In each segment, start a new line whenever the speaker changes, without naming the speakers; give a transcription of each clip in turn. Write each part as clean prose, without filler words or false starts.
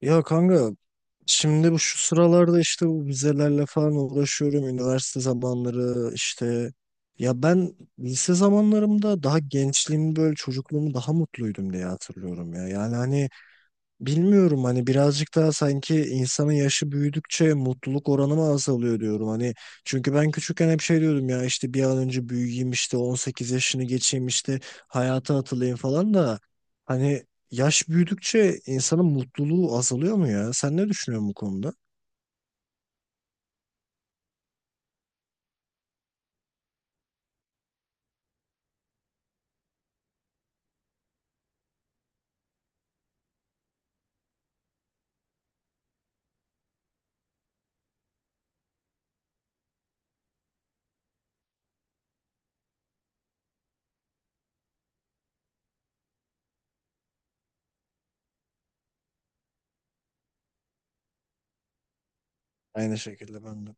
Ya kanka şimdi şu sıralarda işte bu vizelerle falan uğraşıyorum. Üniversite zamanları işte, ya ben lise zamanlarımda daha gençliğimi böyle çocukluğumu daha mutluydum diye hatırlıyorum ya. Yani hani, bilmiyorum hani birazcık daha sanki insanın yaşı büyüdükçe mutluluk oranı mı azalıyor diyorum hani, çünkü ben küçükken hep şey diyordum ya, işte bir an önce büyüyeyim, işte 18 yaşını geçeyim, işte hayata atılayım falan da, hani yaş büyüdükçe insanın mutluluğu azalıyor mu ya? Sen ne düşünüyorsun bu konuda? Aynı şekilde ben de.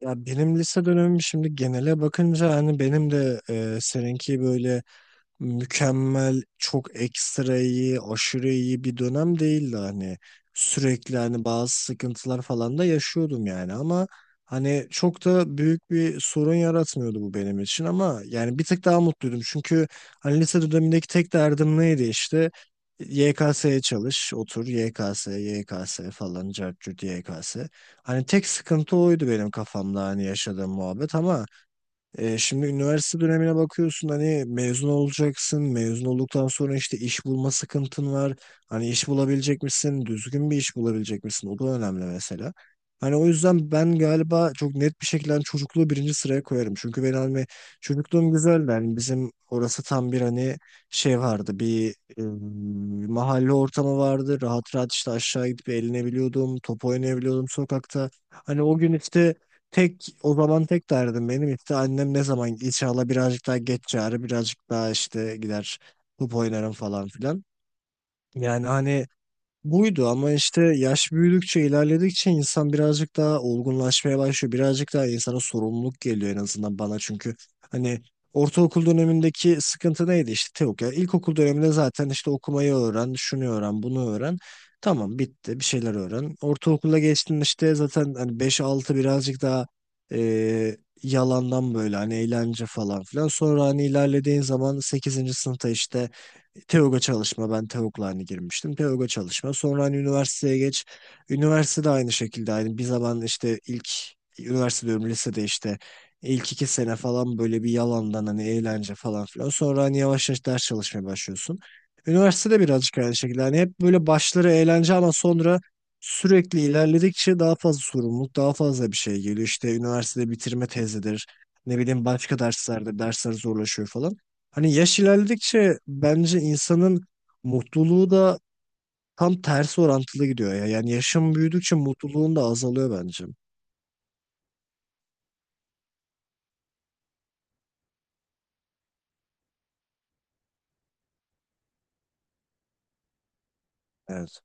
Ya benim lise dönemim, şimdi genele bakınca hani benim de seninki böyle mükemmel, çok ekstra iyi, aşırı iyi bir dönem değildi hani. Sürekli hani bazı sıkıntılar falan da yaşıyordum yani, ama hani çok da büyük bir sorun yaratmıyordu bu benim için, ama yani bir tık daha mutluydum. Çünkü hani lise dönemindeki tek derdim neydi? İşte YKS'ye çalış, otur YKS, YKS falan, cart curt YKS. Hani tek sıkıntı oydu benim kafamda hani, yaşadığım muhabbet, ama şimdi üniversite dönemine bakıyorsun hani, mezun olacaksın. Mezun olduktan sonra işte iş bulma sıkıntın var. Hani iş bulabilecek misin? Düzgün bir iş bulabilecek misin? O da önemli mesela. Hani o yüzden ben galiba çok net bir şekilde hani çocukluğu birinci sıraya koyarım. Çünkü ben hani çocukluğum güzeldi. Hani bizim orası tam bir hani şey vardı. Bir mahalle ortamı vardı. Rahat rahat işte aşağı gidip eğlenebiliyordum. Top oynayabiliyordum sokakta. Hani o gün işte, tek o zaman tek derdim benim, işte annem ne zaman inşallah birazcık daha geç çağırır, birazcık daha işte gider top oynarım falan filan. Yani hani buydu, ama işte yaş büyüdükçe ilerledikçe insan birazcık daha olgunlaşmaya başlıyor. Birazcık daha insana sorumluluk geliyor en azından bana, çünkü hani ortaokul dönemindeki sıkıntı neydi? İşte Teok, ya ilkokul döneminde zaten işte okumayı öğren, şunu öğren, bunu öğren. Tamam, bitti, bir şeyler öğren. Ortaokula geçtin, işte zaten hani beş altı birazcık daha e, yalandan böyle hani eğlence falan filan. Sonra hani ilerlediğin zaman sekizinci sınıfta işte TEOG'a çalışma, ben TEOG'la hani girmiştim. TEOG'a çalışma. Sonra hani üniversiteye geç. Üniversite de aynı şekilde aynı. Bir zaman işte ilk üniversite diyorum, lisede işte ilk iki sene falan böyle bir yalandan hani eğlence falan filan. Sonra hani yavaş yavaş ders çalışmaya başlıyorsun. Üniversitede birazcık aynı şekilde. Hani hep böyle başları eğlence, ama sonra sürekli ilerledikçe daha fazla sorumluluk, daha fazla bir şey geliyor. İşte üniversitede bitirme tezidir. Ne bileyim başka derslerde dersler zorlaşıyor falan. Hani yaş ilerledikçe bence insanın mutluluğu da tam tersi orantılı gidiyor ya. Yani yaşım büyüdükçe mutluluğun da azalıyor bence. Evet.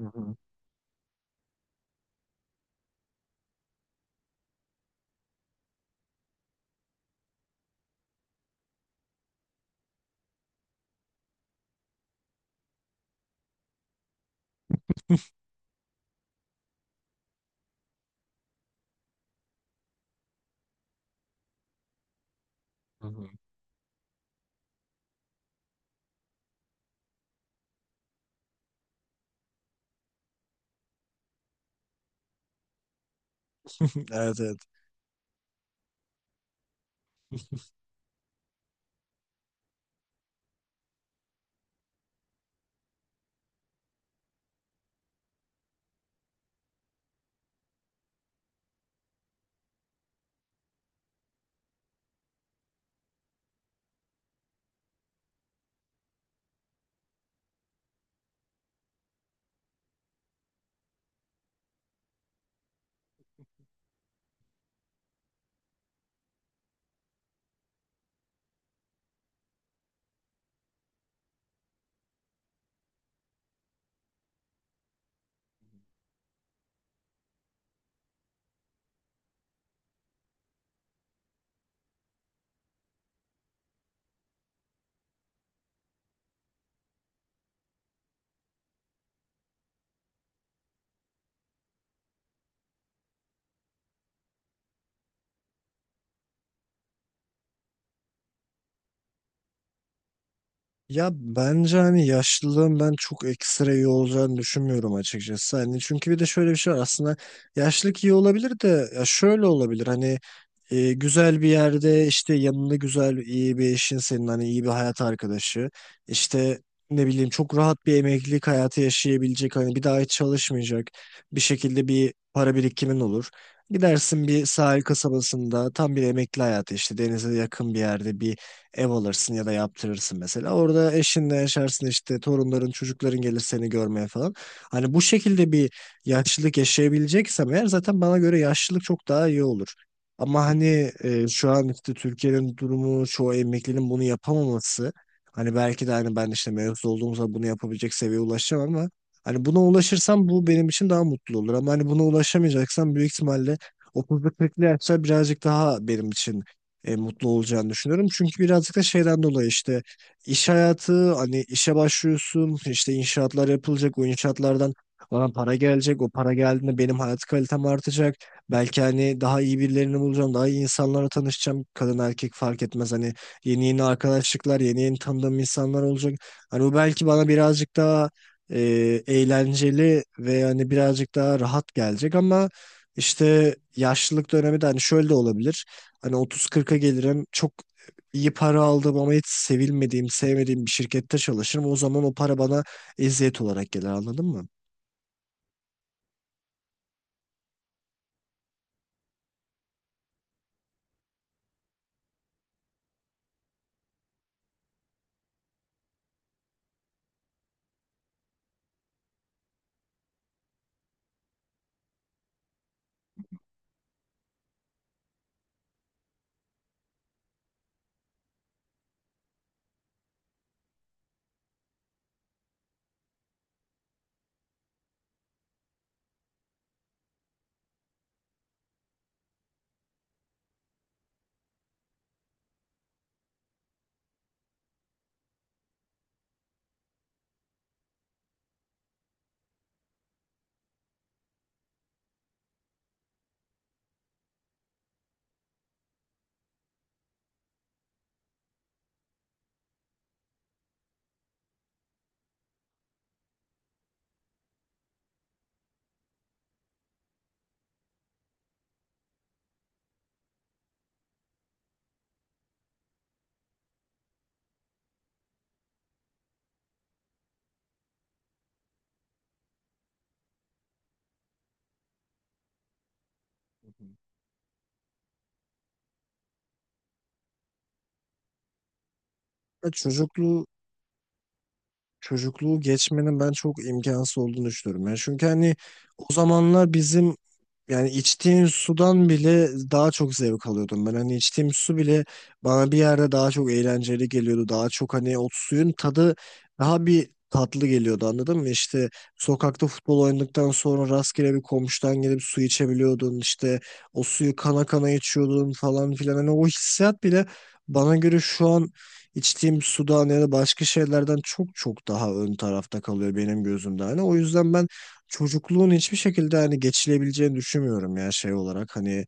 Hı hı. Hı hı. Evet, evet. Ya bence hani yaşlılığın ben çok ekstra iyi olacağını düşünmüyorum açıkçası. Hani çünkü bir de şöyle bir şey var aslında, yaşlılık iyi olabilir de, ya şöyle olabilir hani, güzel bir yerde, işte yanında güzel iyi bir eşin, senin hani iyi bir hayat arkadaşı, işte ne bileyim çok rahat bir emeklilik hayatı yaşayabilecek hani, bir daha hiç çalışmayacak bir şekilde bir para birikimin olur. Gidersin bir sahil kasabasında tam bir emekli hayatı, işte denize yakın bir yerde bir ev alırsın ya da yaptırırsın mesela. Orada eşinle yaşarsın, işte torunların, çocukların gelir seni görmeye falan. Hani bu şekilde bir yaşlılık yaşayabileceksem eğer, zaten bana göre yaşlılık çok daha iyi olur. Ama hani şu an işte Türkiye'nin durumu, çoğu emeklinin bunu yapamaması, hani belki de hani ben işte mevzu olduğumuzda bunu yapabilecek seviyeye ulaşacağım, ama hani buna ulaşırsam bu benim için daha mutlu olur, ama hani buna ulaşamayacaksam büyük ihtimalle 30'lu 40'lı yaşlar birazcık daha benim için mutlu olacağını düşünüyorum. Çünkü birazcık da şeyden dolayı, işte iş hayatı, hani işe başlıyorsun, işte inşaatlar yapılacak, o inşaatlardan bana para gelecek. O para geldiğinde benim hayat kalitem artacak. Belki hani daha iyi birilerini bulacağım. Daha iyi insanlarla tanışacağım. Kadın erkek fark etmez. Hani yeni yeni arkadaşlıklar, yeni yeni tanıdığım insanlar olacak. Hani bu belki bana birazcık daha e, eğlenceli ve hani birazcık daha rahat gelecek, ama işte yaşlılık dönemi de hani şöyle de olabilir. Hani otuz kırka gelirim. Çok iyi para aldım, ama hiç sevilmediğim, sevmediğim bir şirkette çalışırım. O zaman o para bana eziyet olarak gelir, anladın mı? Hı hı. Ya çocukluğu geçmenin ben çok imkansız olduğunu düşünüyorum. Yani çünkü hani o zamanlar bizim, yani içtiğim sudan bile daha çok zevk alıyordum ben. Hani içtiğim su bile bana bir yerde daha çok eğlenceli geliyordu. Daha çok hani o suyun tadı daha bir tatlı geliyordu, anladın mı? İşte sokakta futbol oynadıktan sonra rastgele bir komşudan gelip su içebiliyordun. İşte o suyu kana kana içiyordun falan filan. Hani o hissiyat bile bana göre şu an içtiğim sudan ya da başka şeylerden çok çok daha ön tarafta kalıyor benim gözümde. Hani o yüzden ben çocukluğun hiçbir şekilde hani geçilebileceğini düşünmüyorum, ya şey olarak hani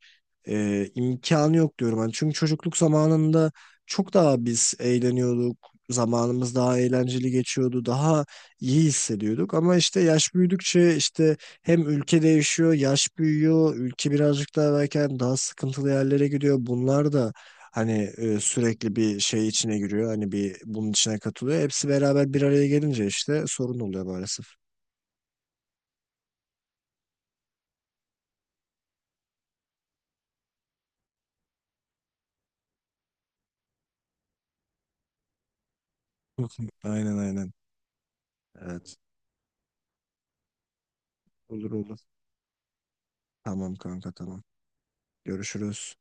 imkanı yok diyorum. Hani çünkü çocukluk zamanında çok daha biz eğleniyorduk. Zamanımız daha eğlenceli geçiyordu. Daha iyi hissediyorduk. Ama işte yaş büyüdükçe, işte hem ülke değişiyor, yaş büyüyor, ülke birazcık daha belki hani daha sıkıntılı yerlere gidiyor. Bunlar da hani sürekli bir şey içine giriyor. Hani bir bunun içine katılıyor. Hepsi beraber bir araya gelince işte sorun oluyor maalesef. Aynen, aynen. Evet. Olur, olur. Tamam kanka, tamam. Görüşürüz.